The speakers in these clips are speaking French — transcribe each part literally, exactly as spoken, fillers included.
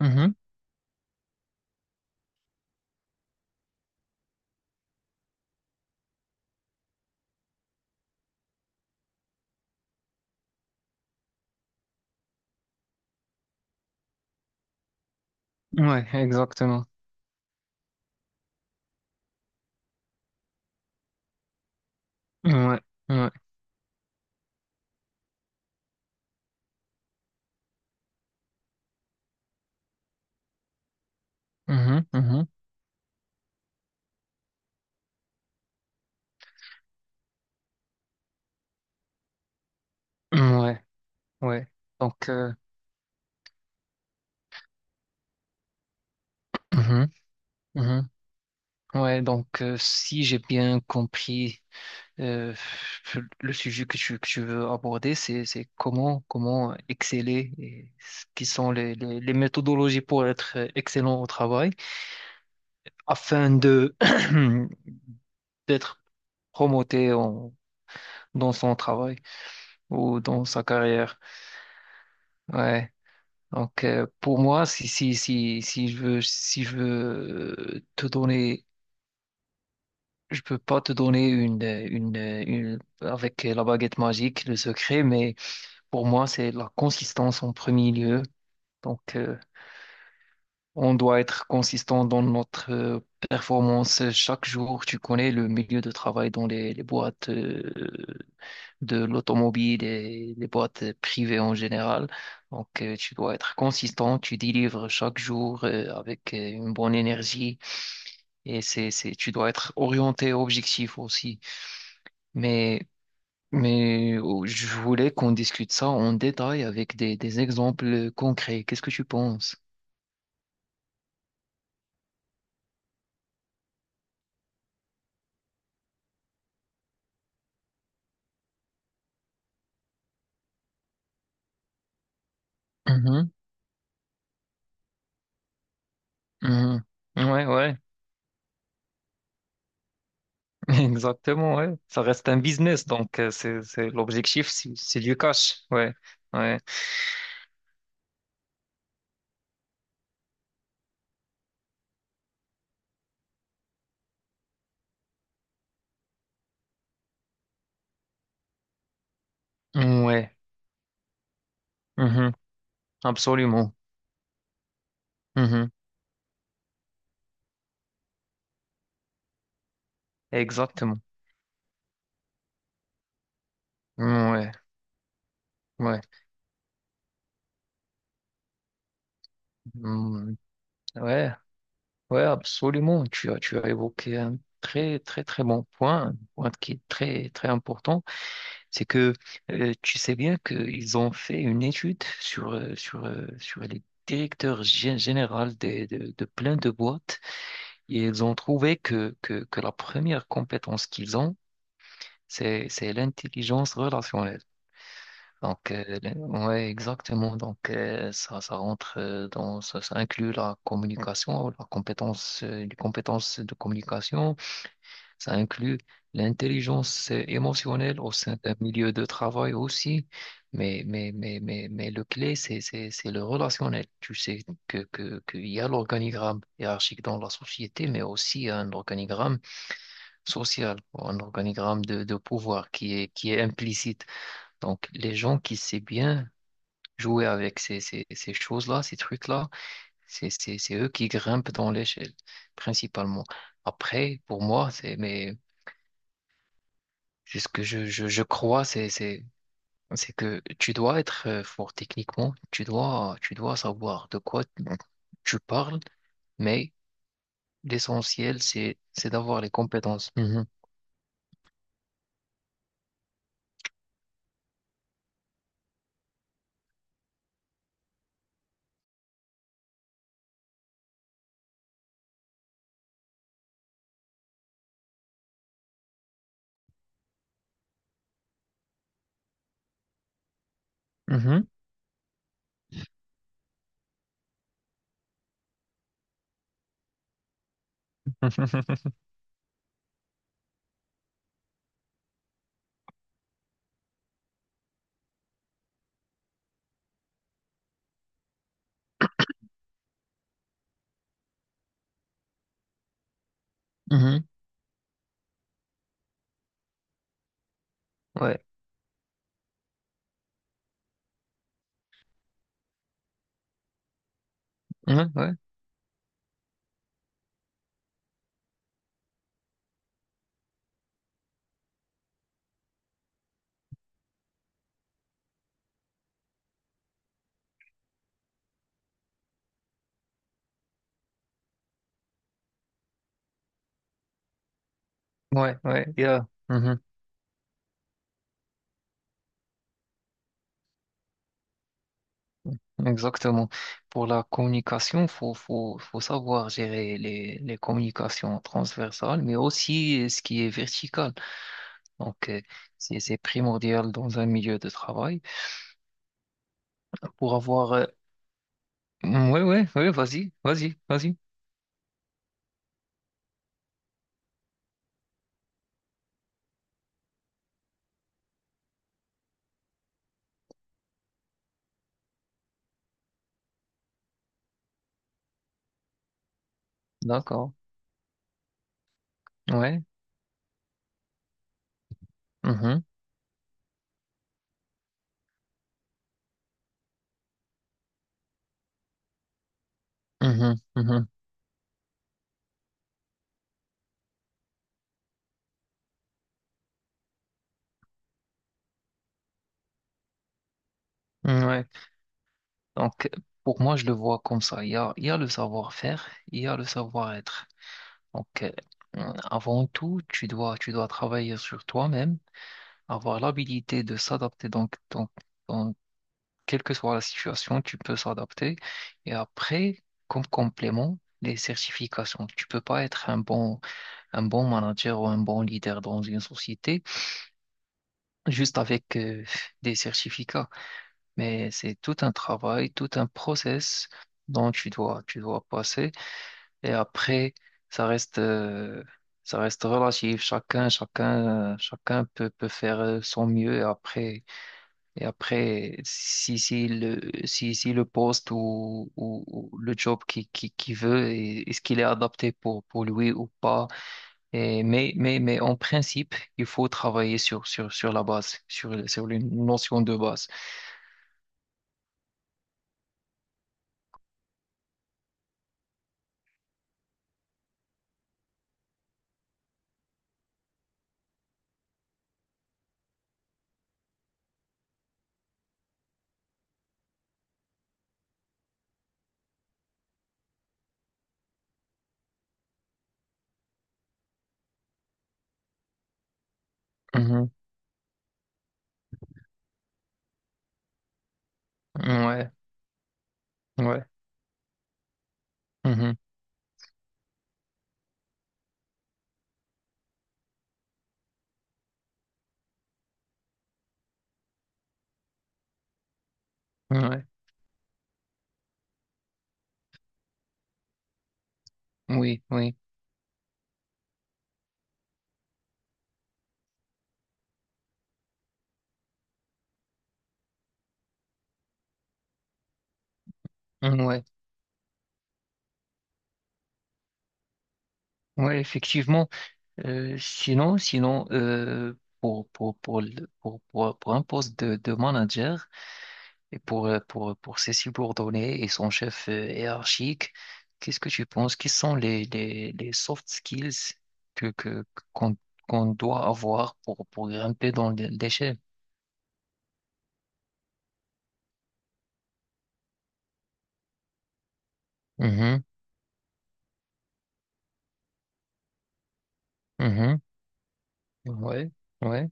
Mhm. Ouais, exactement. Ouais, ouais. Mhm, mhm. Ouais, ouais. Donc, euh, mhm, mhm. Ouais, donc euh, si j'ai bien compris euh, le sujet que tu, que tu veux aborder, c'est c'est comment comment exceller et ce qui sont les, les, les méthodologies pour être excellent au travail afin de d'être promoté en- dans son travail ou dans sa carrière. Ouais. Donc, euh, pour moi, si, si, si, si je veux, si je veux euh, te donner, je peux pas te donner une, euh, une, euh, une- avec la baguette magique, le secret, mais pour moi, c'est la consistance en premier lieu. Donc, euh, on doit être consistant dans notre euh, performance chaque jour. Tu connais le milieu de travail dans les, les boîtes euh, de l'automobile et les boîtes privées en général. Donc, euh, tu dois être consistant. Tu délivres chaque jour euh, avec euh, une bonne énergie et c'est, c'est, tu dois être orienté, objectif aussi. Mais, mais oh, je voulais qu'on discute ça en détail avec des, des exemples concrets. Qu'est-ce que tu penses? Mhm, mhm. Ouais, ouais. Exactement, ouais. Ça reste un business, donc euh, c'est c'est l'objectif, c'est c'est du cash, ouais, ouais. Mmh, ouais. Mhm. Absolument. Mhm. Exactement. Mmh, ouais, ouais. Mm. Ouais, ouais, absolument. Tu as tu as évoqué un très très très bon point, un point qui est très très important, c'est que euh, tu sais bien qu'ils ont fait une étude sur euh, sur euh, sur les directeurs gé- généraux des- de, de plein de boîtes. Ils ont trouvé que, que, que la première compétence qu'ils ont, c'est, c'est l'intelligence relationnelle. Donc, euh, l'in- ouais, exactement. Donc, euh, ça, ça rentre euh, dans, ça, ça inclut la communication, la compétence, euh, les compétences de communication. Ça inclut l'intelligence euh, émotionnelle au sein d'un milieu de travail aussi. Mais, mais, mais, mais, mais le clé, c'est, c'est, c'est le relationnel. Tu sais que, que, qu'il y a l'organigramme hiérarchique dans la société, mais aussi un organigramme social, un organigramme de, de pouvoir qui est, qui est implicite. Donc, les gens qui savent bien jouer avec ces, ces, ces choses-là, ces trucs-là, c'est, c'est, c'est eux qui grimpent dans l'échelle, principalement. Après, pour moi, c'est, mais, c'est ce que je, je, je crois, c'est, c'est, c'est que tu dois être euh, fort techniquement, tu dois, tu dois savoir de quoi tu tu parles, mais l'essentiel, c'est, c'est d'avoir les compétences. Mhm. Mhm. Mhm. Ouais. Mhm. Ouais. Ouais, ouais, yeah. Mhm. Exactement. Pour la communication, faut, faut, faut savoir gérer les, les communications transversales, mais aussi ce qui est vertical. Donc, euh, c'est, c'est primordial dans un milieu de travail pour avoir. Euh, mm, ouais, ouais, ouais, vas-y, vas-y, vas-y. D'accord. Ouais. Mhm, mhm, mhm. Ouais. Donc, pour moi, je le vois comme ça. Il y a, il y a le savoir-faire, il y a le savoir-être. Donc, euh, avant tout, tu dois, tu dois travailler sur toi-même, avoir l'habilité de s'adapter. Donc, donc, donc, quelle que soit la situation, tu peux s'adapter. Et après, comme complément, les certifications. Tu peux pas être un bon, un bon manager ou un bon leader dans une société juste avec euh, des certificats. Mais c'est tout un travail, tout un process dont tu dois, tu dois passer. Et après, ça reste, euh, ça reste relatif. Chacun, chacun, chacun peut, peut faire euh, son mieux. Et après, et après, si, si le, si, si le poste ou, ou, ou le job qui, qui, qui veut, et- est-ce qu'il est adapté pour, pour lui ou pas? Et, mais, mais, mais en principe, il faut travailler sur, sur, sur la base, sur, sur les notions de base. Mhm. Ouais, ouais. Mhm. Ouais, oui, oui, ouais. Ouais effectivement. Euh, sinon, sinon euh, pour, pour, pour, le- pour, pour, pour un poste de, de manager et pour, euh, pour, pour ses subordonnés et son chef euh, hiérarchique, qu'est-ce que tu penses? Quels sont les, les, les soft skills que, que, qu'on, qu'on doit avoir pour, pour grimper dans l'é- l'échelle? Mhm, mhm. Ouais, ouais,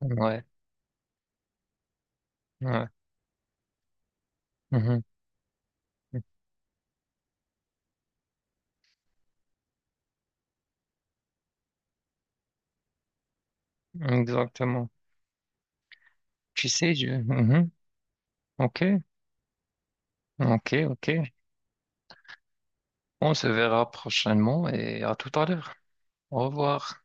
ouais, ouais. Mhm. Exactement. Tu sais, je... Mhm. Ok, ok, ok. On se verra prochainement et à tout à l'heure. Au revoir.